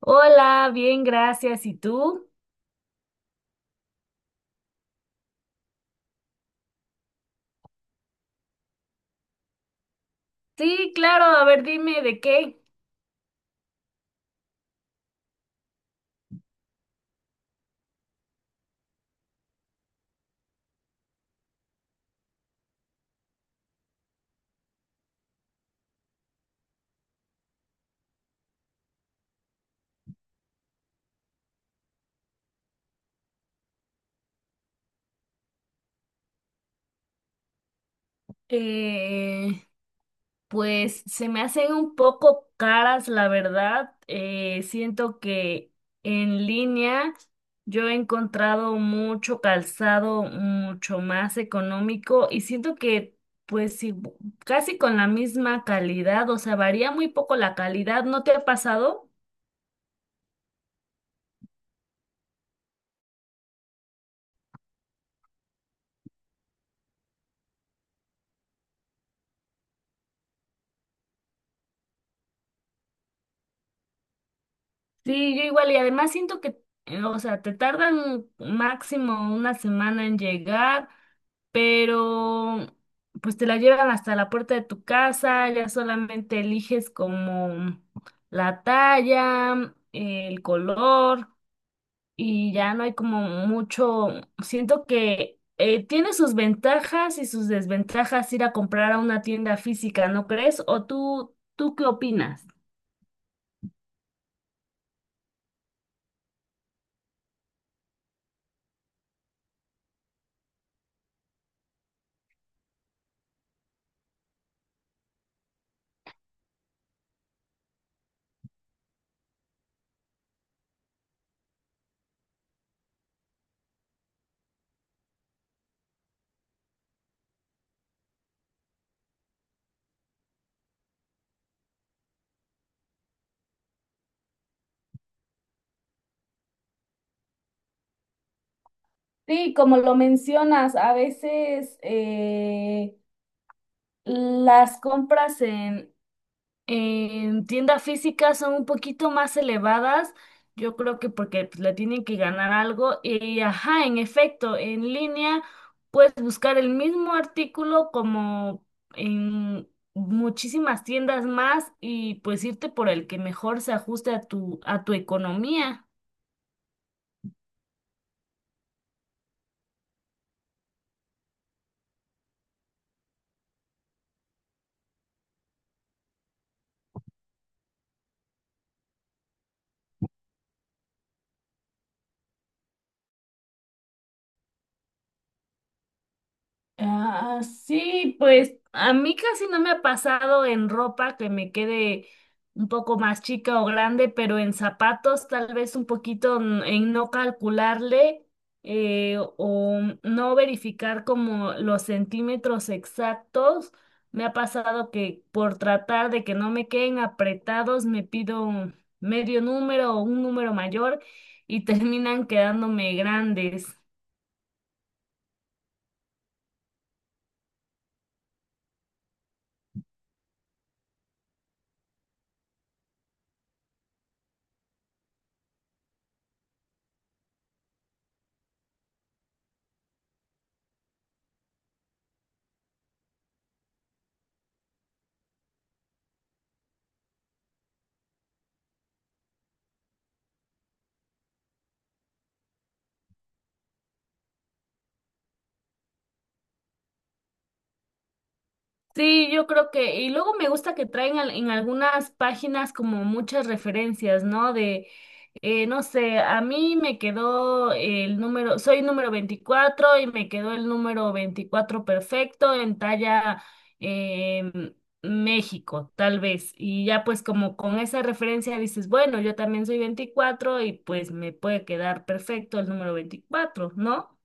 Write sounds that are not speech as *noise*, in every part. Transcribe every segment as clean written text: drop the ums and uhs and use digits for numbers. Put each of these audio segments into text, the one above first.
Hola, bien, gracias. ¿Y tú? Sí, claro, a ver, dime de qué. Eh, pues se me hacen un poco caras, la verdad. Siento que en línea yo he encontrado mucho calzado mucho más económico y siento que pues sí, casi con la misma calidad, o sea, varía muy poco la calidad. ¿No te ha pasado? Sí, yo igual, y además siento que, o sea, te tardan máximo una semana en llegar, pero pues te la llevan hasta la puerta de tu casa, ya solamente eliges como la talla, el color, y ya no hay como mucho, siento que tiene sus ventajas y sus desventajas ir a comprar a una tienda física, ¿no crees? ¿O tú qué opinas? Sí, como lo mencionas, a veces las compras en tienda física son un poquito más elevadas, yo creo que porque pues, le tienen que ganar algo y ajá, en efecto, en línea puedes buscar el mismo artículo como en muchísimas tiendas más y pues irte por el que mejor se ajuste a a tu economía. Ah, sí, pues a mí casi no me ha pasado en ropa que me quede un poco más chica o grande, pero en zapatos tal vez un poquito en no calcularle o no verificar como los centímetros exactos. Me ha pasado que por tratar de que no me queden apretados, me pido un medio número o un número mayor y *laughs* terminan quedándome grandes. Sí, yo creo que, y luego me gusta que traen en algunas páginas como muchas referencias, ¿no? No sé, a mí me quedó el número, soy número 24 y me quedó el número 24 perfecto en talla em, México, tal vez. Y ya pues como con esa referencia dices, bueno, yo también soy 24 y pues me puede quedar perfecto el número 24, ¿no?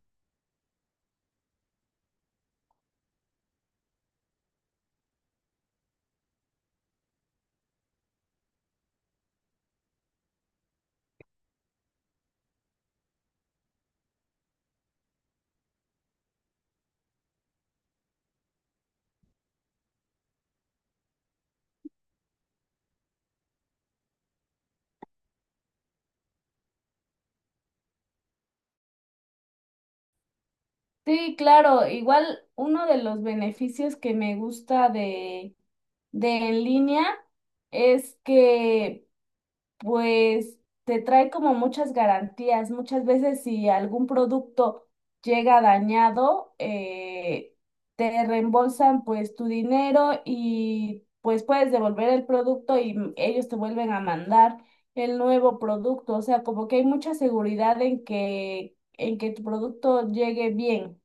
Sí, claro, igual uno de los beneficios que me gusta de en línea es que pues te trae como muchas garantías. Muchas veces si algún producto llega dañado, te reembolsan pues tu dinero y pues puedes devolver el producto y ellos te vuelven a mandar el nuevo producto. O sea, como que hay mucha seguridad en en que tu producto llegue bien.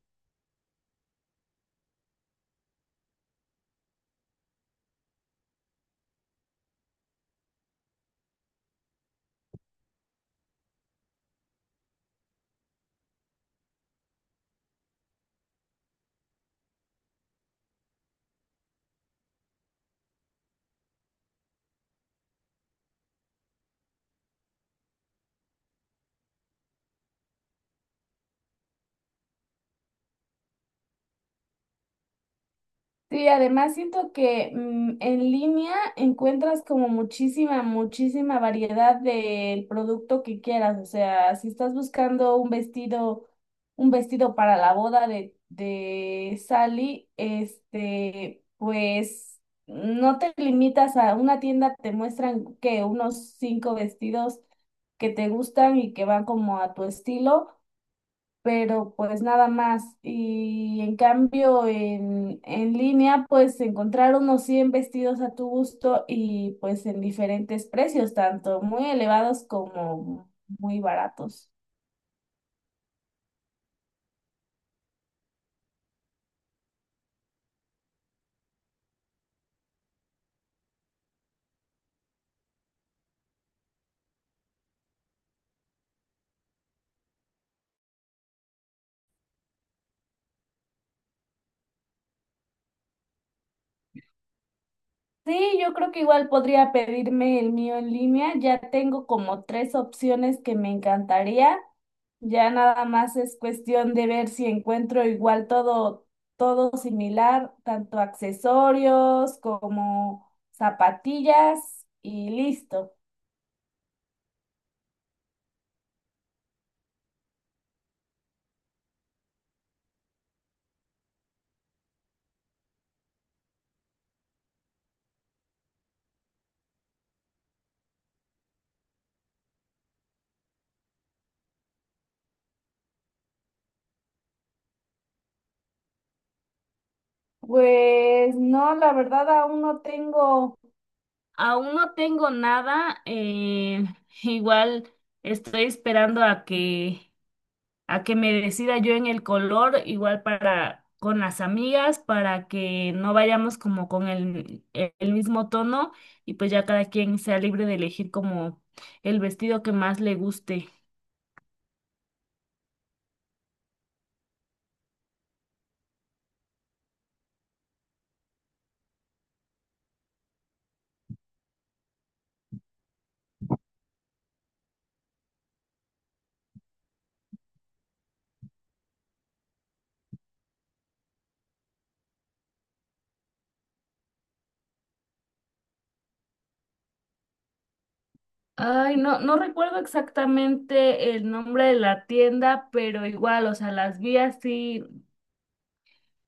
Sí, además siento que en línea encuentras como muchísima variedad del producto que quieras. O sea, si estás buscando un vestido para la boda de Sally, este, pues no te limitas a una tienda, te muestran que unos cinco vestidos que te gustan y que van como a tu estilo pero pues nada más. Y en cambio, en línea, pues encontrar unos 100 vestidos a tu gusto y pues en diferentes precios, tanto muy elevados como muy baratos. Sí, yo creo que igual podría pedirme el mío en línea. Ya tengo como tres opciones que me encantaría. Ya nada más es cuestión de ver si encuentro igual todo similar, tanto accesorios como zapatillas y listo. Pues no, la verdad aún no tengo nada. *laughs* Igual estoy esperando a que me decida yo en el color, igual para con las amigas, para que no vayamos como con el mismo tono y pues ya cada quien sea libre de elegir como el vestido que más le guste. Ay, no, no recuerdo exactamente el nombre de la tienda, pero igual, o sea, las vi así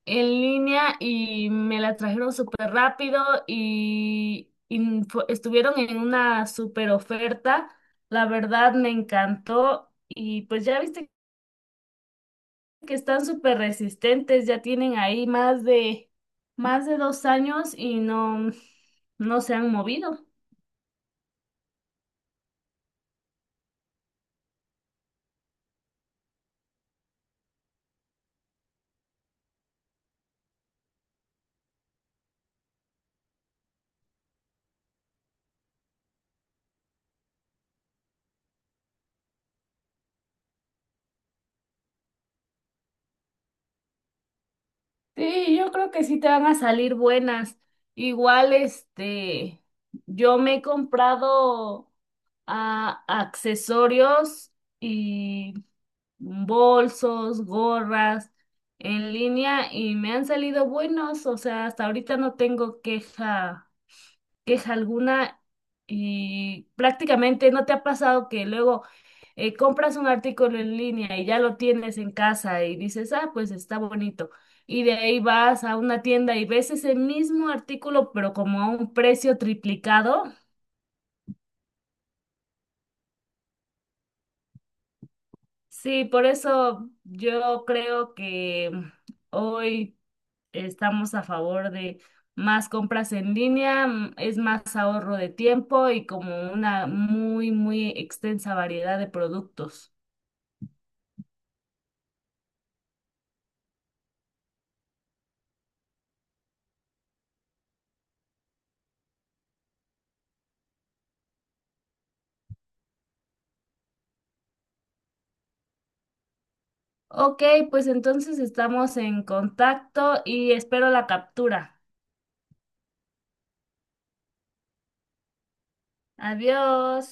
en línea y me la trajeron súper rápido y estuvieron en una súper oferta. La verdad me encantó y pues ya viste que están súper resistentes, ya tienen ahí más más de 2 años no se han movido. Sí, yo creo que sí te van a salir buenas. Igual, este, yo me he comprado accesorios y bolsos, gorras en línea y me han salido buenos. O sea, hasta ahorita no tengo queja alguna y prácticamente no te ha pasado que luego compras un artículo en línea y ya lo tienes en casa y dices, ah, pues está bonito. Y de ahí vas a una tienda y ves ese mismo artículo, pero como a un precio triplicado. Sí, por eso yo creo que hoy estamos a favor de más compras en línea, es más ahorro de tiempo y como una muy extensa variedad de productos. Ok, pues entonces estamos en contacto y espero la captura. Adiós.